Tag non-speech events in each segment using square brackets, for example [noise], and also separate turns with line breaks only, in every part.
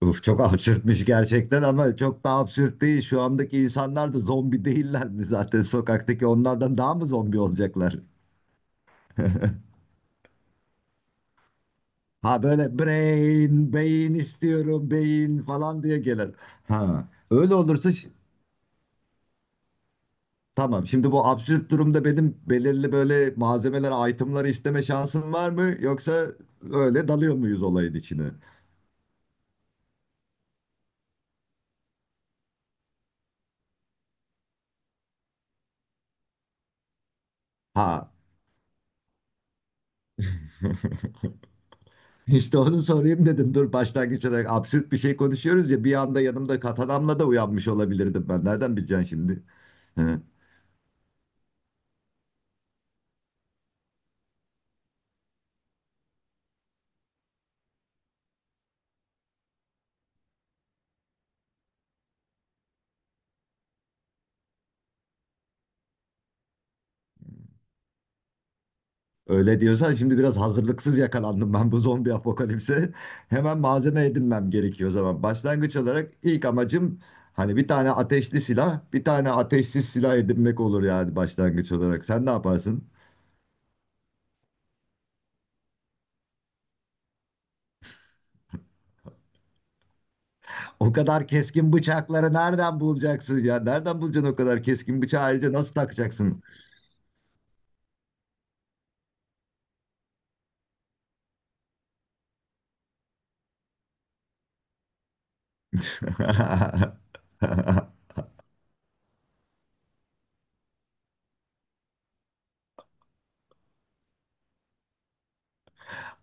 Uf, çok absürtmüş gerçekten ama çok da absürt değil. Şu andaki insanlar da zombi değiller mi zaten sokaktaki onlardan daha mı zombi olacaklar? Ha böyle brain, beyin istiyorum, beyin falan diye gelir. Ha öyle olursa tamam. Şimdi bu absürt durumda benim belirli böyle malzemeler, itemları isteme şansım var mı? Yoksa öyle dalıyor muyuz olayın içine? Ha, [laughs] İşte onu sorayım dedim. Dur, başlangıç olarak absürt bir şey konuşuyoruz ya, bir anda yanımda katanamla da uyanmış olabilirdim ben. Nereden bileceksin şimdi? Hı. Öyle diyorsan şimdi biraz hazırlıksız yakalandım ben bu zombi apokalipse. [laughs] Hemen malzeme edinmem gerekiyor o zaman. Başlangıç olarak ilk amacım hani bir tane ateşli silah, bir tane ateşsiz silah edinmek olur yani, başlangıç olarak. Sen ne yaparsın? O kadar keskin bıçakları nereden bulacaksın ya? Nereden bulacaksın o kadar keskin bıçağı, ayrıca nasıl takacaksın? [laughs]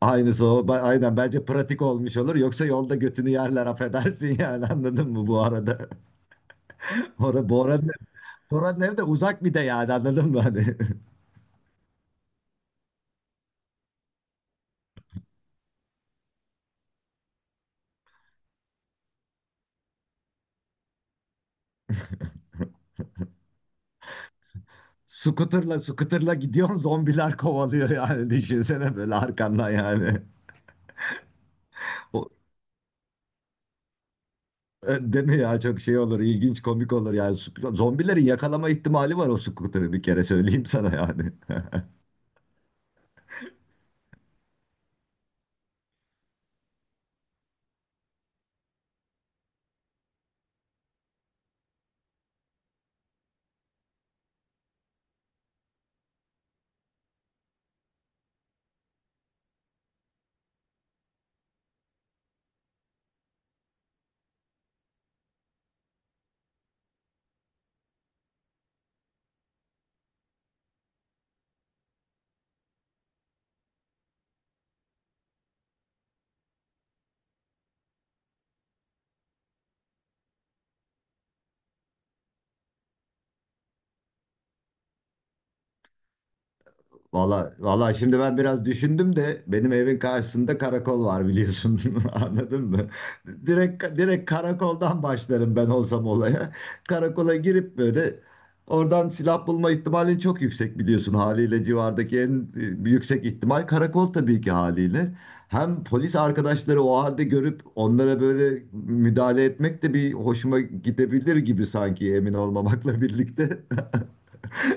Aynısı o. Aynen, bence pratik olmuş olur. Yoksa yolda götünü yerler, affedersin, [laughs] yani anladın mı bu arada? [laughs] Orada Bora'nın evi de uzak bir de, yani anladın mı hani? [laughs] Scooter'la gidiyorsun, zombiler kovalıyor yani, [laughs] düşünsene böyle arkandan yani. O, Değil mi ya, çok şey olur, ilginç komik olur yani. Zombilerin yakalama ihtimali var o scooter'ı, bir kere söyleyeyim sana yani. Valla, valla, şimdi ben biraz düşündüm de benim evin karşısında karakol var, biliyorsun, [laughs] anladın mı? Direkt karakoldan başlarım ben olsam olaya. Karakola girip böyle oradan silah bulma ihtimalin çok yüksek, biliyorsun, haliyle civardaki en yüksek ihtimal karakol tabii ki, haliyle. Hem polis arkadaşları o halde görüp onlara böyle müdahale etmek de bir hoşuma gidebilir gibi sanki, emin olmamakla birlikte. [laughs]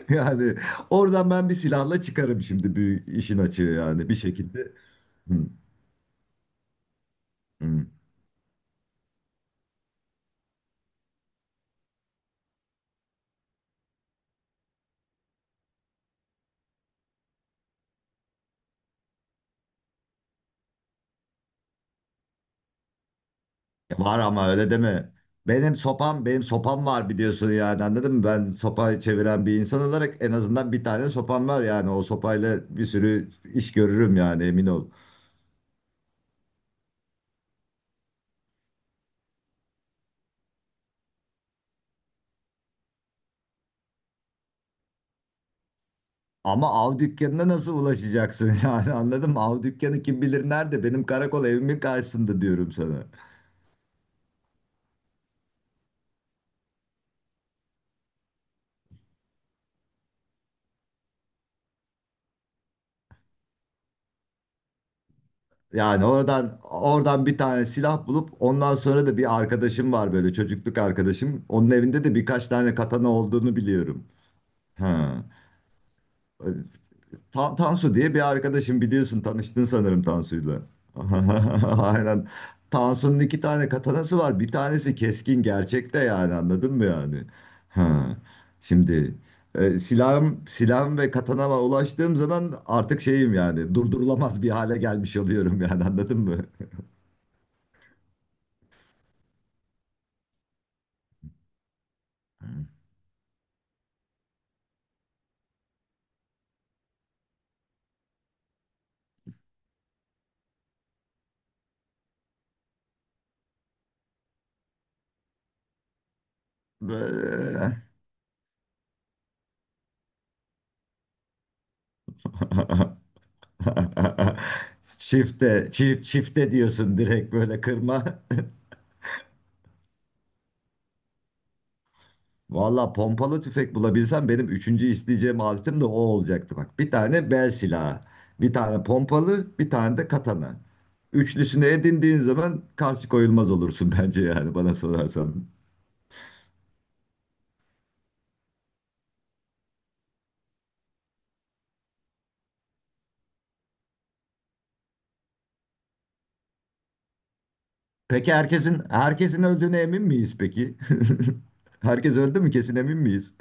Yani, oradan ben bir silahla çıkarım şimdi, bir işin açığı yani, bir şekilde. Hı, hı. Var ama öyle deme. Benim sopam, benim sopam var, biliyorsun yani anladın mı? Ben sopayı çeviren bir insan olarak en azından bir tane sopam var yani. O sopayla bir sürü iş görürüm yani, emin ol. Ama av dükkanına nasıl ulaşacaksın [laughs] yani anladın mı? Av dükkanı kim bilir nerede? Benim karakol evimin karşısında diyorum sana. Yani oradan bir tane silah bulup ondan sonra da bir arkadaşım var böyle, çocukluk arkadaşım. Onun evinde de birkaç tane katana olduğunu biliyorum. Ha. Tansu diye bir arkadaşım, biliyorsun, tanıştın sanırım Tansu'yla. [laughs] Aynen. Tansu'nun iki tane katanası var. Bir tanesi keskin gerçekte, yani anladın mı yani? Ha. Şimdi silahım ve katanama ulaştığım zaman artık şeyim yani, durdurulamaz bir hale gelmiş oluyorum yani anladın mı? Böyle. [laughs] Çifte diyorsun direkt, böyle kırma. [laughs] Valla, pompalı tüfek bulabilsem benim üçüncü isteyeceğim aletim de o olacaktı bak. Bir tane bel silahı, bir tane pompalı, bir tane de katana. Üçlüsünü edindiğin zaman karşı koyulmaz olursun [laughs] bence, yani bana sorarsan. Peki, herkesin öldüğüne emin miyiz peki? [laughs] Herkes öldü mü, kesin emin miyiz?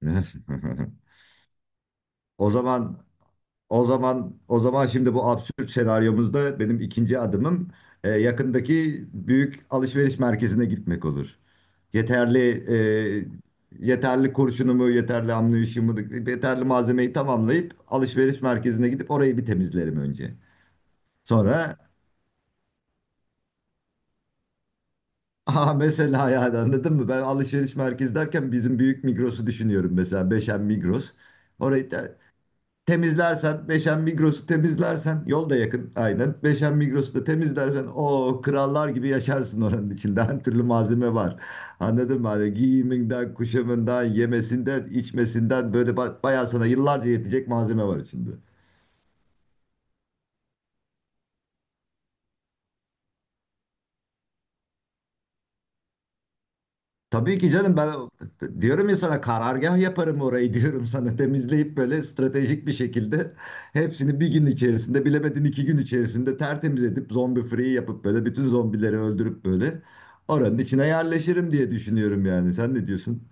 [laughs] O zaman o zaman şimdi bu absürt senaryomuzda benim ikinci adımım yakındaki büyük alışveriş merkezine gitmek olur. Yeterli e, Yeterli kurşunumu, yeterli amniyotumu, yeterli malzemeyi tamamlayıp alışveriş merkezine gidip orayı bir temizlerim önce. Sonra [laughs] aha, mesela, ya anladın mı? Ben alışveriş merkezi derken bizim büyük Migros'u düşünüyorum, mesela Beşen Migros. Orayı da temizlersen, Beşen Migros'u temizlersen, yol da yakın, aynen. Beşen Migros'u da temizlersen o krallar gibi yaşarsın oranın içinde. [laughs] Her türlü malzeme var. Anladın mı? Hani giyiminden, kuşamından, yemesinden, içmesinden böyle bayağı sana yıllarca yetecek malzeme var içinde. Tabii ki canım, ben diyorum ya sana, karargah yaparım orayı [laughs] diyorum sana, temizleyip böyle stratejik bir şekilde hepsini bir gün içerisinde, bilemedin iki gün içerisinde tertemiz edip zombi free yapıp böyle bütün zombileri öldürüp böyle oranın içine yerleşirim diye düşünüyorum yani, sen ne diyorsun?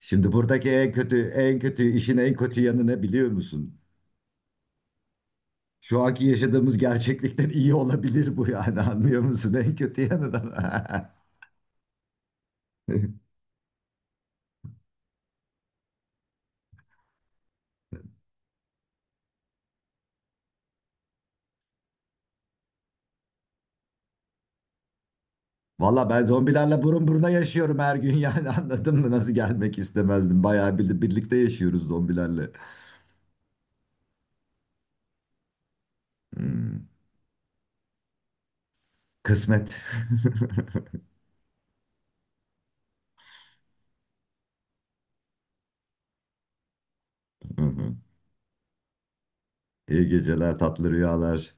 Şimdi buradaki en kötü işin en kötü yanı ne biliyor musun? Şu anki yaşadığımız gerçeklikten iyi olabilir bu yani, [laughs] anlıyor musun? En kötü yanı da. [laughs] Valla ben zombilerle burun buruna yaşıyorum her gün yani, [laughs] anladın mı? Nasıl gelmek istemezdim. Bayağı bir, birlikte yaşıyoruz zombilerle. Hmm. Kısmet. [laughs] İyi geceler, tatlı rüyalar.